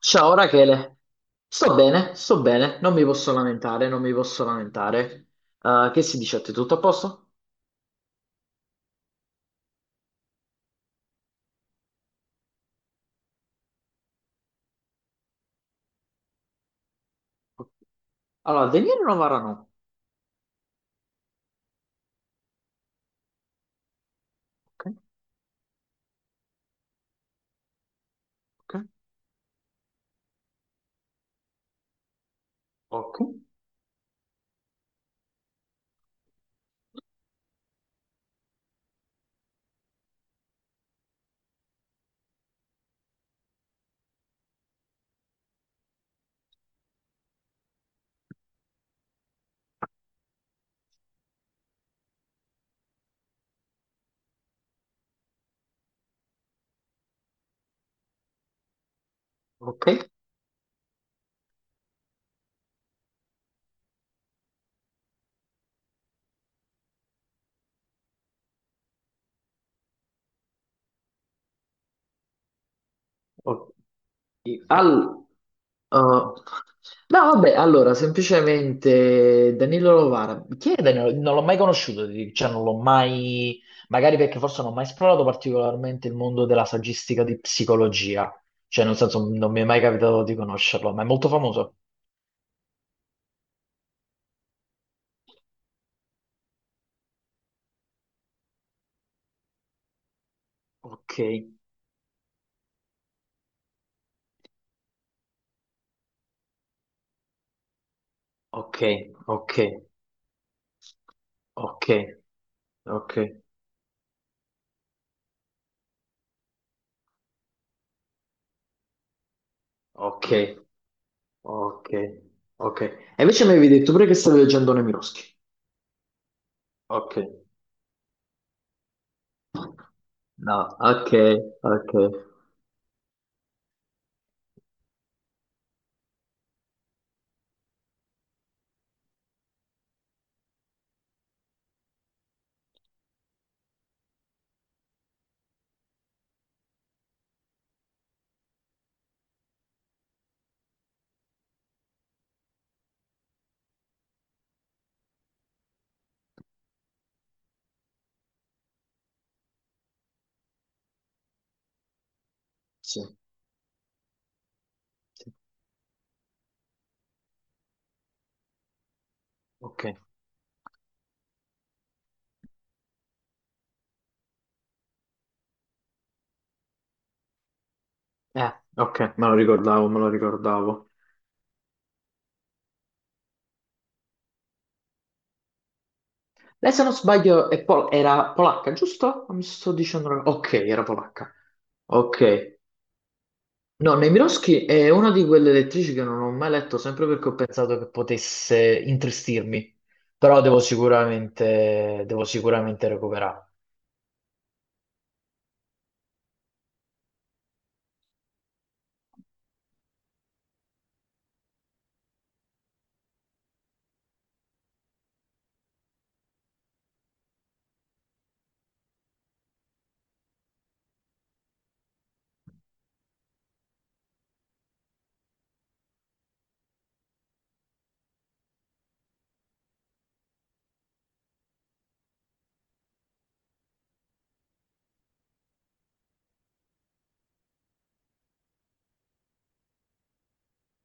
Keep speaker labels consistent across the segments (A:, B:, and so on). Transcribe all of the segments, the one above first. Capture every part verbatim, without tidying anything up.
A: Ciao Rachele, sto bene, sto bene, non mi posso lamentare, non mi posso lamentare. Eh, che si dice a te? Tutto a posto? Allora, Daniele Novara no. Ok, ok, ok, ok. Ok. Al- eh, no, vabbè, allora, semplicemente Danilo Novara. Chi è Danilo? Non l'ho mai conosciuto, ti dico, cioè non l'ho mai. Magari perché forse non ho mai esplorato particolarmente il mondo della saggistica di psicologia. Cioè, nel senso, non mi è mai capitato di conoscerlo, ma è molto famoso. Ok, ok, ok, ok, ok, ok, ok, ok. E invece mi avevi detto pure che stavi leggendo Nemirovsky. Ok, no, ok, ok, sì, sì, ok. Eh, ok, me lo ricordavo, me lo ricordavo. Lei se non sbaglio è pol- era polacca, giusto? O mi sto dicendo. una- Ok, era polacca. Ok, no, Nemiroski è una di quelle lettrici che non ho mai letto, sempre perché ho pensato che potesse intristirmi, però devo sicuramente, devo sicuramente recuperare.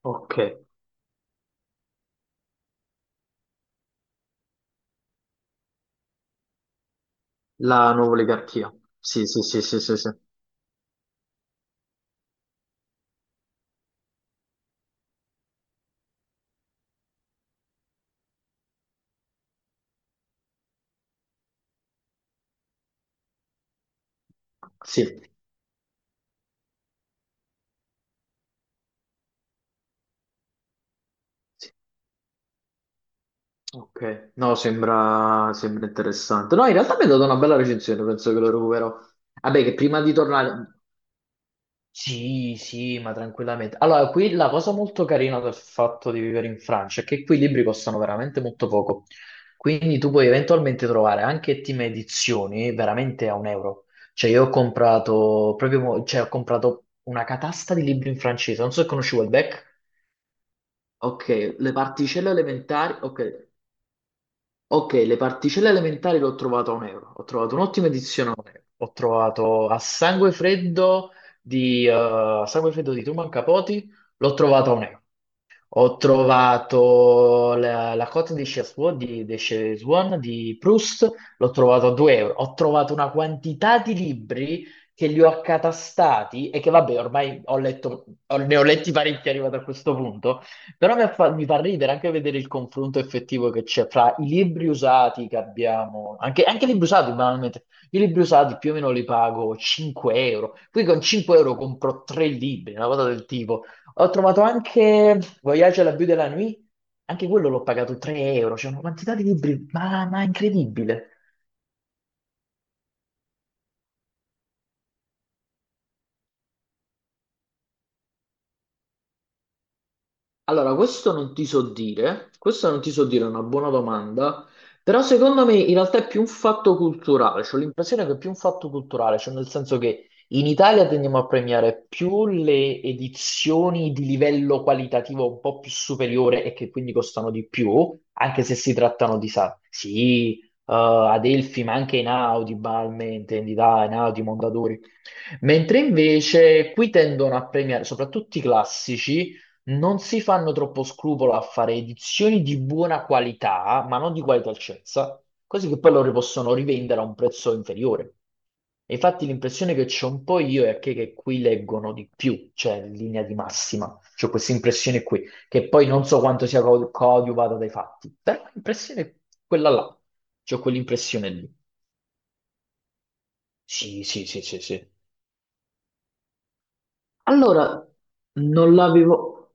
A: Ok, la nuova oligarchia. Sì, sì, sì, sì, sì, sì. Sì, sì. Ok. No, sembra, sembra interessante. No, in realtà mi è data una bella recensione, penso che lo recuperò. Vabbè, che prima di tornare. Sì, sì, ma tranquillamente. Allora, qui la cosa molto carina del fatto di vivere in Francia è che qui i libri costano veramente molto poco. Quindi tu puoi eventualmente trovare anche team edizioni veramente a un euro. Cioè, io ho comprato proprio, mo- cioè, ho comprato una catasta di libri in francese. Non so se conosci Welbeck. Ok, le particelle elementari. Ok. Ok, le particelle elementari l'ho trovato a un euro, ho trovato un'ottima edizione a un euro, ho trovato a sangue freddo di, eh, a sangue freddo di Truman Capote, l'ho trovato a un euro. Ho trovato la, la cotta di Chef's di, di Chez Swan di Proust, l'ho trovato a due euro. Ho trovato una quantità di libri che li ho accatastati e che vabbè, ormai ho letto, ho- ne ho letti parecchi arrivato a questo punto, però mi fa, mi fa ridere anche vedere il confronto effettivo che c'è fra i libri usati che abbiamo, anche, anche i libri usati banalmente, i libri usati più o meno li pago cinque euro, qui con cinque euro compro tre libri, una cosa del tipo. Ho trovato anche Voyage à la Vue de la Nuit, anche quello l'ho pagato tre euro, c'è una quantità di libri, ma, ma incredibile. Allora, questo non ti so dire, questo non ti so dire, è una buona domanda, però secondo me in realtà è più un fatto culturale, ho l'impressione che è più un fatto culturale, cioè nel senso che in Italia tendiamo a premiare più le edizioni di livello qualitativo un po' più superiore e che quindi costano di più, anche se si trattano di, sa, sì, eh, Adelphi, ma anche Einaudi, Balmain, intendi, dai, Einaudi, Mondadori. Mentre invece qui tendono a premiare soprattutto i classici, non si fanno troppo scrupolo a fare edizioni di buona qualità, ma non di qualità altezza, così che poi loro possono rivendere a un prezzo inferiore. E infatti l'impressione che c'ho un po' io è che, che qui leggono di più, cioè in linea di massima. C'ho questa impressione qui, che poi non so quanto sia co- coadiuvata dai fatti, però l'impressione è quella là. C'ho quell'impressione lì. Sì, sì, sì, sì, sì. Allora, non l'avevo.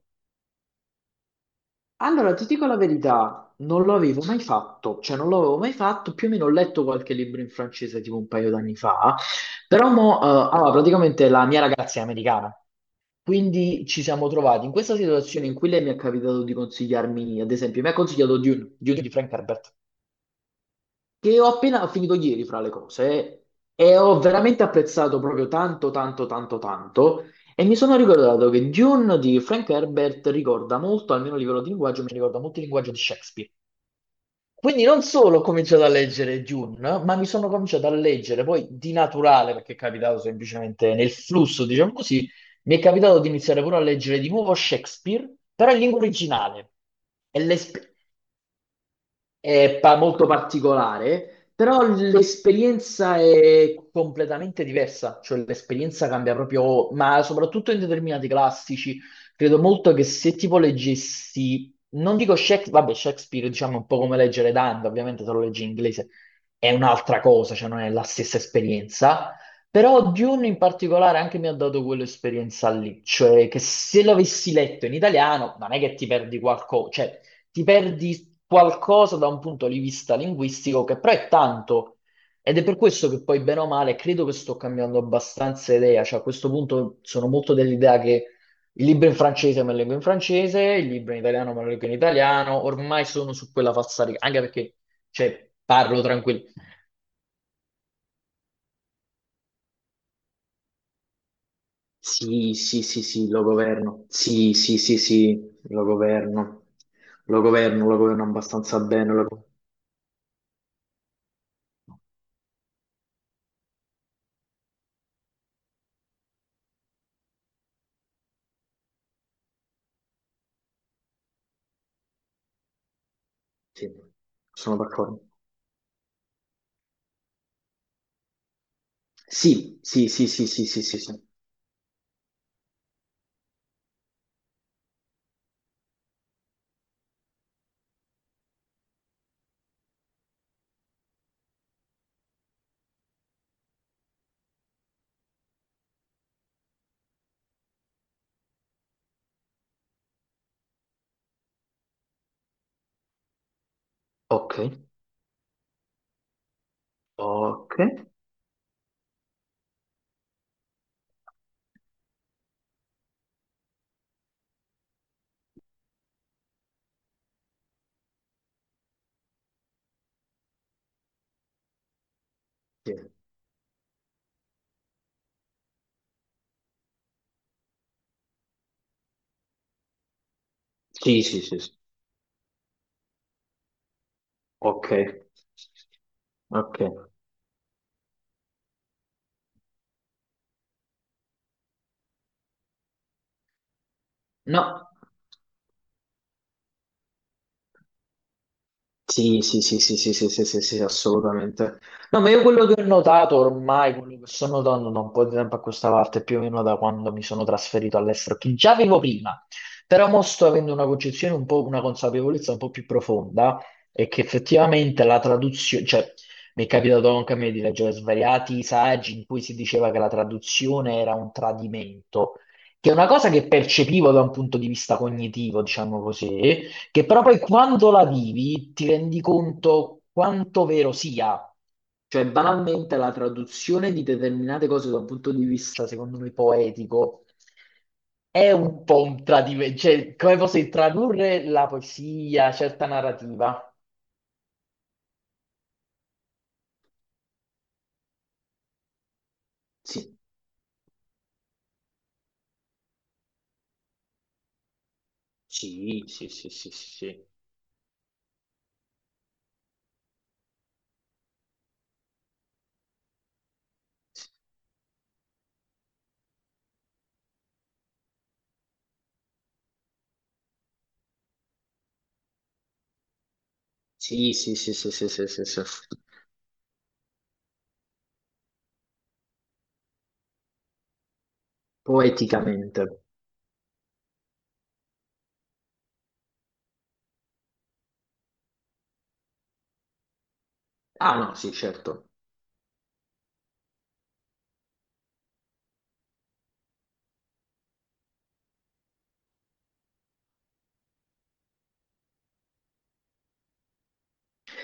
A: Allora, ti dico la verità, non lo avevo mai fatto, cioè non l'avevo mai fatto, più o meno ho letto qualche libro in francese tipo un paio d'anni fa, però mo, eh, allora, praticamente la mia ragazza è americana, quindi ci siamo trovati in questa situazione in cui lei mi è capitato di consigliarmi, ad esempio, mi ha consigliato Dune, Dune di Frank Herbert, che ho appena finito ieri fra le cose e ho veramente apprezzato proprio tanto, tanto, tanto, tanto. E mi sono ricordato che Dune di Frank Herbert ricorda molto, almeno a livello di linguaggio, mi ricorda molto il linguaggio di Shakespeare. Quindi non solo ho cominciato a leggere Dune, ma mi sono cominciato a leggere poi di naturale, perché è capitato semplicemente nel flusso, diciamo così, mi è capitato di iniziare pure a leggere di nuovo Shakespeare, però in lingua originale. E l'esp- è pa- molto particolare, però l'esperienza è completamente diversa, cioè l'esperienza cambia proprio, ma soprattutto in determinati classici, credo molto che se tipo leggessi, non dico Shakespeare, vabbè Shakespeare diciamo è un po' come leggere Dante, ovviamente se lo leggi in inglese è un'altra cosa, cioè non è la stessa esperienza, però Dune in particolare anche mi ha dato quell'esperienza lì, cioè che se l'avessi letto in italiano non è che ti perdi qualcosa, cioè ti perdi qualcosa da un punto di vista linguistico che però è tanto. Ed è per questo che poi, bene o male, credo che sto cambiando abbastanza idea. Cioè, a questo punto sono molto dell'idea che il libro in francese me lo leggo in francese, il libro in italiano me lo leggo in italiano. Ormai sono su quella falsariga, anche perché, cioè, parlo tranquillo. Sì, sì, sì, sì, lo governo. Sì, sì, sì, sì, lo governo. Lo governo, lo governo abbastanza bene. Lo. Sì, sono d'accordo. Sì, sì, sì, sì, sì, sì, sì, sì. Ok, ok. Sì. Sì, sì, sì, sì. Ok, ok. No. Sì, sì, sì, sì, sì, sì, sì, sì, sì, assolutamente. No, ma io quello che ho notato ormai, quello che sto notando da un po' di tempo a questa parte, più o meno da quando mi sono trasferito all'estero, che già avevo prima, però mo sto avendo una concezione un po', una consapevolezza un po' più profonda, è che effettivamente la traduzione, cioè mi è capitato anche a me di leggere svariati saggi in cui si diceva che la traduzione era un tradimento, che è una cosa che percepivo da un punto di vista cognitivo, diciamo così, che però poi quando la vivi ti rendi conto quanto vero sia. Cioè, banalmente la traduzione di determinate cose da un punto di vista, secondo me, poetico è un po' un tradimento, cioè, come fosse tradurre la poesia, certa narrativa. Sì, sì, sì, sì, sì, sì, sì, sì, sì, sì, sì, sì, sì, sì. Poeticamente. Ah no, sì, certo.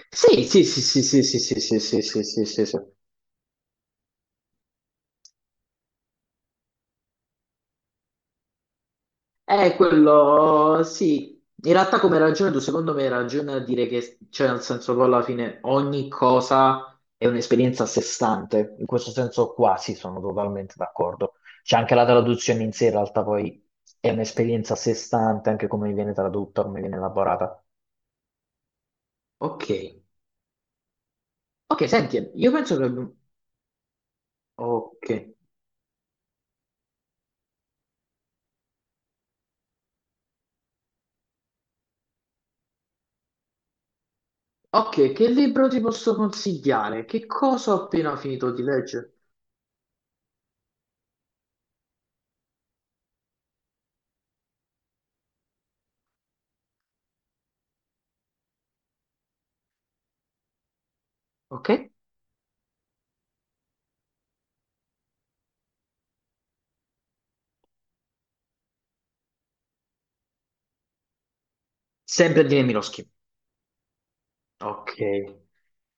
A: Sì, sì, sì, sì, sì, sì, sì, sì, sì, sì, sì, sì, sì. Eh, quello sì. In realtà come ragione tu secondo me hai ragione a dire che, cioè nel senso poi alla fine ogni cosa è un'esperienza a sé stante, in questo senso quasi sono totalmente d'accordo. C'è anche la traduzione in sé, in realtà poi è un'esperienza a sé stante, anche come viene tradotta, come viene elaborata. Ok, ok, senti, io penso che abbiamo- Ok, ok, che libro ti posso consigliare? Che cosa ho appena finito di leggere? Ok? Sempre di Nemirovsky. Ok.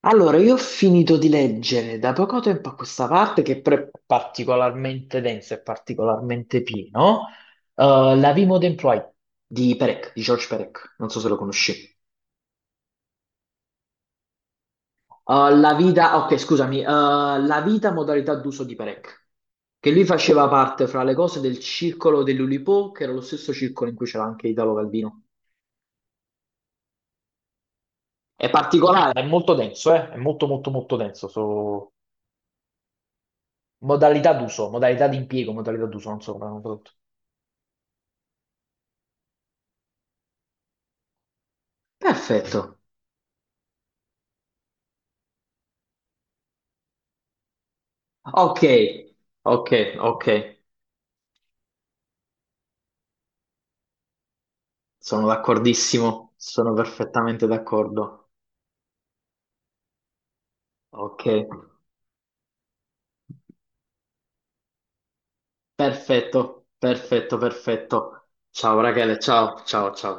A: Allora, io ho finito di leggere da poco tempo a questa parte, che però è particolarmente densa e particolarmente pieno, eh, La vie moderne di Perec, di George Perec, non so se lo conosci. Eh, la vita, ok, scusami, eh, La vita modalità d'uso di Perec, che lui faceva parte, fra le cose, del circolo dell'Oulipo, che era lo stesso circolo in cui c'era anche Italo Calvino. È particolare. È molto denso, eh? È molto molto molto denso. so- Modalità d'uso, modalità di impiego, modalità d'uso, non so come l'hanno tradotto. Perfetto. Ok, ok, ok. Sono d'accordissimo, sono perfettamente d'accordo. Ok, perfetto, perfetto, perfetto. Ciao Rachele, ciao, ciao, ciao.